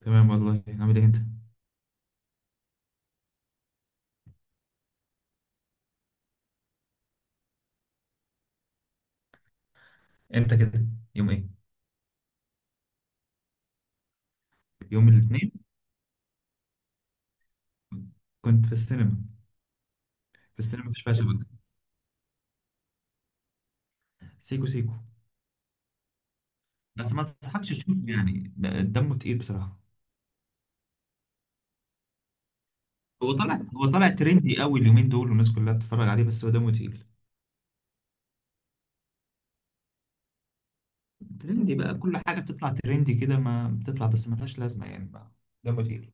تمام، والله عامل ايه انت؟ امتى كده؟ يوم ايه؟ يوم الاثنين كنت في السينما. في السينما، في شباب. سيكو سيكو. بس ما انصحكش تشوفه، يعني دمه تقيل بصراحه. هو طالع ترندي قوي اليومين دول، والناس كلها بتتفرج عليه، بس هو دمه تقيل. ترندي بقى، كل حاجه بتطلع ترندي كده، ما بتطلع بس ملهاش لازمه يعني بقى. دمه تقيل،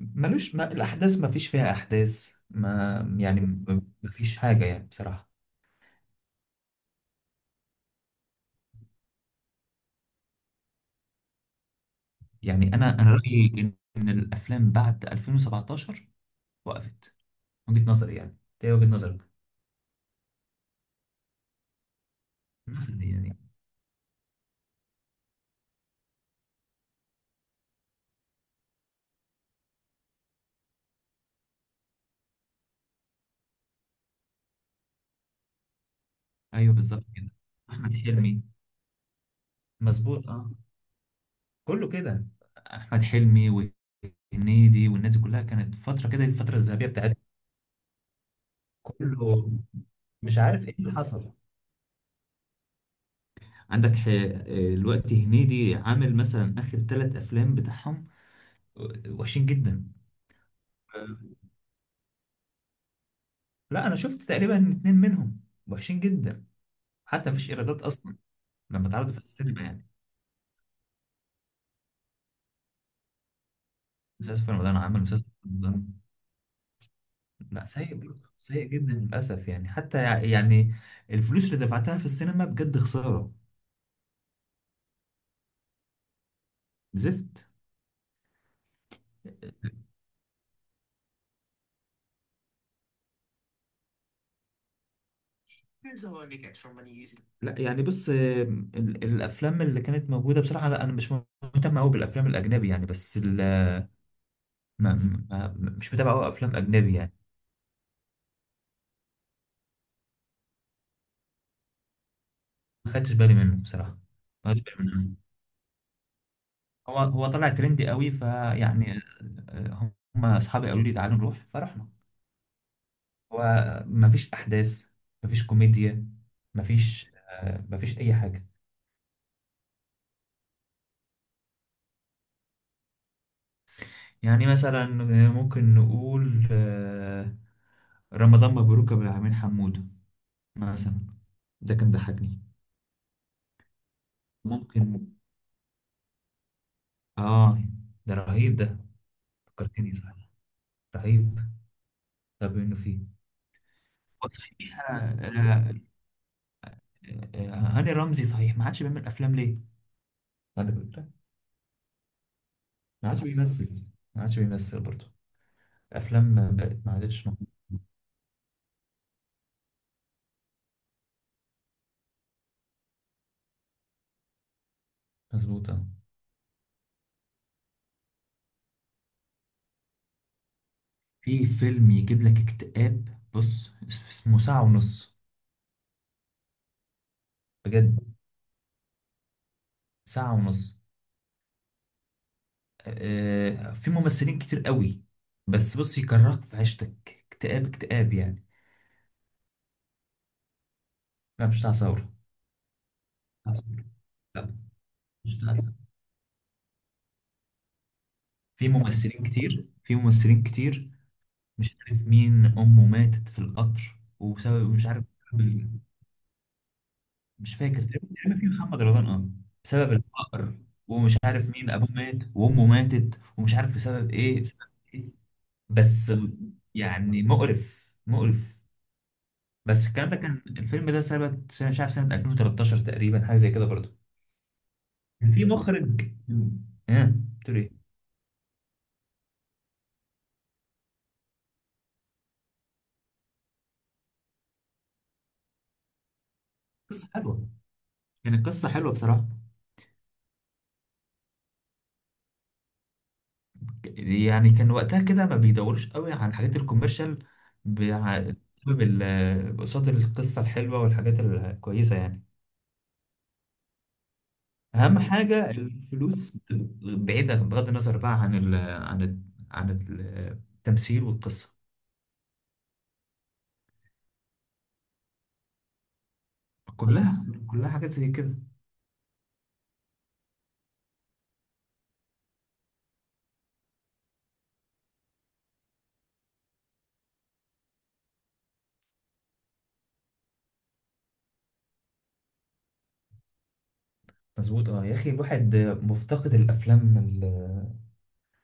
ملوش، ما الاحداث، ما فيش فيها احداث ما يعني. ما فيش حاجه يعني بصراحه. يعني انا رايي ان الافلام بعد 2017 وقفت. وجهة نظري يعني. ده وجهة نظرك. مثلا يعني. ايوه بالظبط كده. احمد حلمي. مظبوط اه. كله كده. احمد حلمي وهنيدي والناس دي كلها كانت فتره كده، الفتره الذهبيه بتاعتهم. كله. مش عارف ايه اللي حصل. عندك ح- الوقت هنيدي عامل مثلا اخر 3 افلام بتاعهم، وحشين جدا. لا انا شفت تقريبا 2 منهم، وحشين جدا. حتى مفيش ايرادات اصلا لما اتعرضوا في السينما يعني. مسلسل في رمضان. عمل مسلسل في رمضان. لا سيء، برضه سيء جدا للأسف يعني. حتى يعني الفلوس اللي دفعتها في السينما بجد خسارة. زفت. Here's how I make extra money easily. لا يعني بص، الأفلام اللي كانت موجودة بصراحة، لا أنا مش مهتم أوي بالأفلام الأجنبي يعني. ما ما مش متابع أوي أفلام أجنبي يعني. ما خدتش بالي منه بصراحة. ما خدتش بالي منه. هو طلع ترندي قوي فيعني. آه، هم أصحابي قالوا لي تعالوا نروح فرحنا. هو مفيش أحداث، مفيش كوميديا، مفيش مفيش أي حاجة. يعني مثلا ممكن نقول رمضان مبروك يا أبو العالمين حمودة مثلا. ده كان ضحكني. ممكن. آه. ده رهيب ده. فكرتني فعلا، رهيب. طب إنه فيه. هو صحيح هاني رمزي صحيح ما عادش بيعمل أفلام ليه؟ عندك فكرة؟ ما عادش بيمثل. ما عادش بيمثل برضه. الأفلام بقت ما عادتش. مظبوطة. في فيلم يجيب لك اكتئاب، بص اسمه ساعة ونص. بجد، ساعة ونص. في ممثلين كتير قوي، بس بص يكرهك في عيشتك. اكتئاب اكتااب يعني. لا مش بتاع ثورة. لا مش بتاع ثورة. في ممثلين كتير، في ممثلين كتير. مش عارف مين أمه ماتت في القطر وبسبب مش عارف. مش فاكر تقريباً في محمد رمضان اه. بسبب الفقر. ومش عارف مين أبوه مات وأمه ماتت، ومش عارف بسبب إيه، بسبب إيه. بس يعني مقرف مقرف. بس الكلام ده، كان الفيلم ده سنة مش عارف سنة 2013 تقريبا، حاجة زي كده برضه. كان في مخرج. ايه؟ بتقول ايه؟ قصة حلوة. يعني القصة حلوة بصراحة. يعني كان وقتها كده ما بيدوروش قوي عن الحاجات الكوميرشال. بسبب قصاد القصة الحلوة والحاجات الكويسة يعني. أهم حاجة الفلوس، بعيدة، بغض النظر بقى عن ال، عن ال، عن التمثيل والقصة. كلها حاجات زي كده. مظبوط اه. يا اخي، الواحد مفتقد الافلام.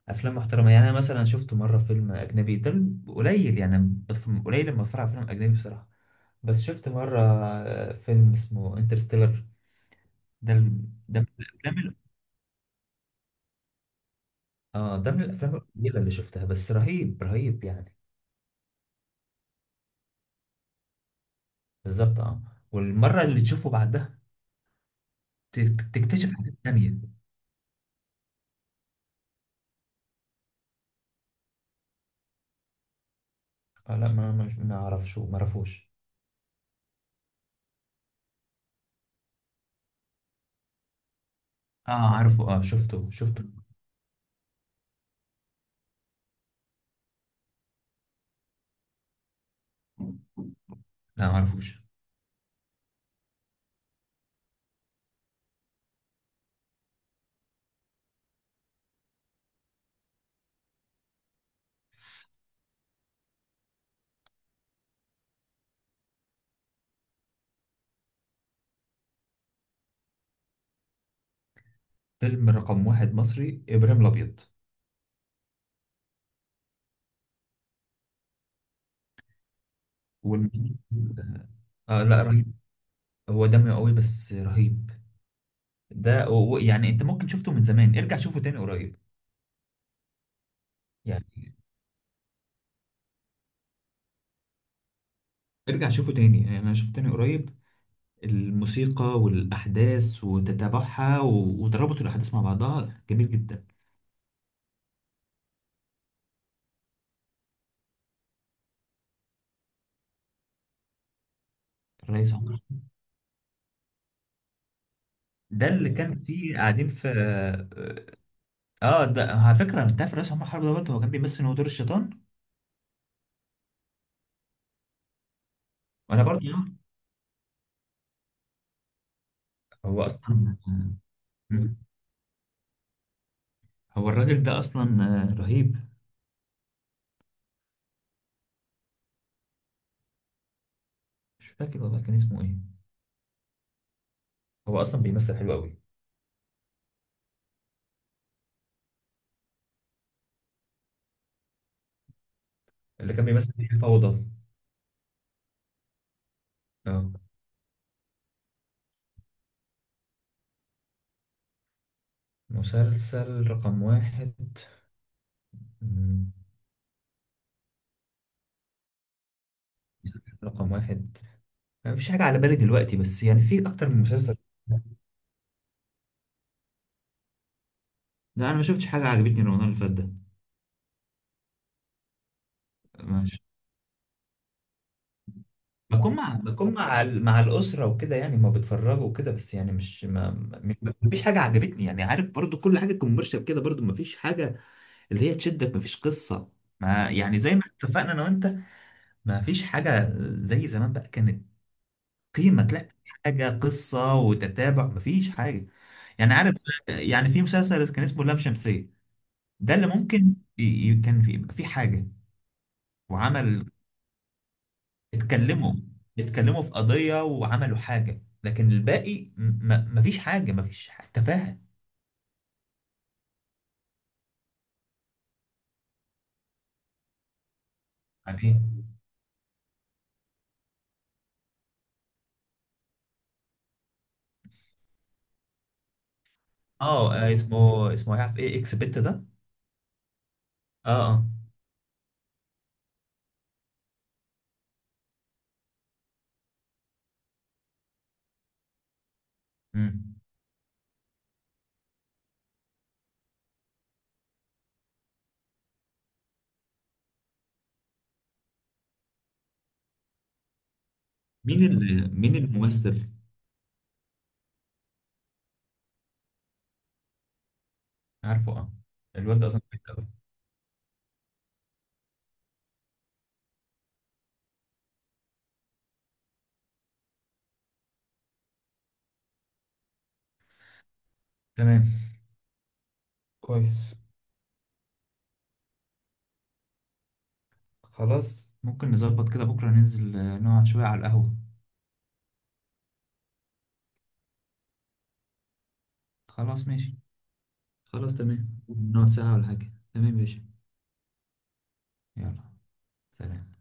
افلام محترمه يعني. انا مثلا شفت مره فيلم اجنبي ده قليل يعني. قليل لما اتفرج على فيلم اجنبي بصراحه. بس شفت مره فيلم اسمه انترستيلر. ده ال- ده من الافلام. اه ده من الافلام القليله اللي شفتها، بس رهيب رهيب يعني. بالظبط اه. والمره اللي تشوفه بعدها ت- تكتشف حاجات تانية. اه لا، ما اعرفش، ما اعرفوش. اه عارفه، اه شفته شفته. لا ما اعرفوش. فيلم رقم واحد مصري ابراهيم الابيض والمنيب. آه لا رهيب. هو دمه قوي بس رهيب. ده يعني انت ممكن شفته من زمان، ارجع شوفه تاني قريب. يعني ارجع شوفه تاني، يعني انا شفته تاني قريب. الموسيقى والاحداث وتتابعها، وتربط الاحداث مع بعضها جميل جدا. الريس عمر. ده اللي كان فيه قاعدين في. اه، ده على فكره انت عارف الريس عمر حرب ده، برضه هو كان بيمثل إن هو دور الشيطان. وانا برضه هو اصلا. هو الراجل ده اصلا رهيب. مش فاكر والله كان اسمه ايه. هو اصلا بيمثل حلو قوي. اللي كان بيمثل فيه الفوضى. اه. مسلسل رقم واحد. مم، رقم واحد. ما فيش حاجة على بالي دلوقتي، بس يعني في أكتر من مسلسل. لا أنا ما شفتش حاجة عجبتني رمضان اللي فات ده. ماشي. بكون مع الأسرة وكده، يعني ما بتفرجوا وكده، بس يعني مش ما فيش حاجة عجبتني يعني عارف. برضو كل حاجة كوميرشال كده، برضو ما فيش حاجة اللي هي تشدك، ما فيش قصة ما يعني. زي ما اتفقنا أنا وأنت، ما فيش حاجة زي زمان بقى، كانت قيمة تلاقي حاجة، قصة وتتابع. ما فيش حاجة يعني عارف. يعني في مسلسل كان اسمه لام شمسية، ده اللي ممكن كان في، يبقى في حاجة. وعمل. اتكلموا اتكلموا في قضية وعملوا حاجة، لكن الباقي ما فيش حاجة، ما فيش تفاهة. يعني إيه؟ اه اسمه عارف ايه، اكس بت ده. اه اه. مم. مين الممثل؟ عارفه اه. الواد ده اصلا كويس أوي. تمام. كويس. خلاص، ممكن نظبط كده بكرة ننزل نقعد شوية على القهوة. خلاص ماشي. خلاص تمام، نقعد ساعة ولا حاجة، تمام يا باشا. يلا. سلام.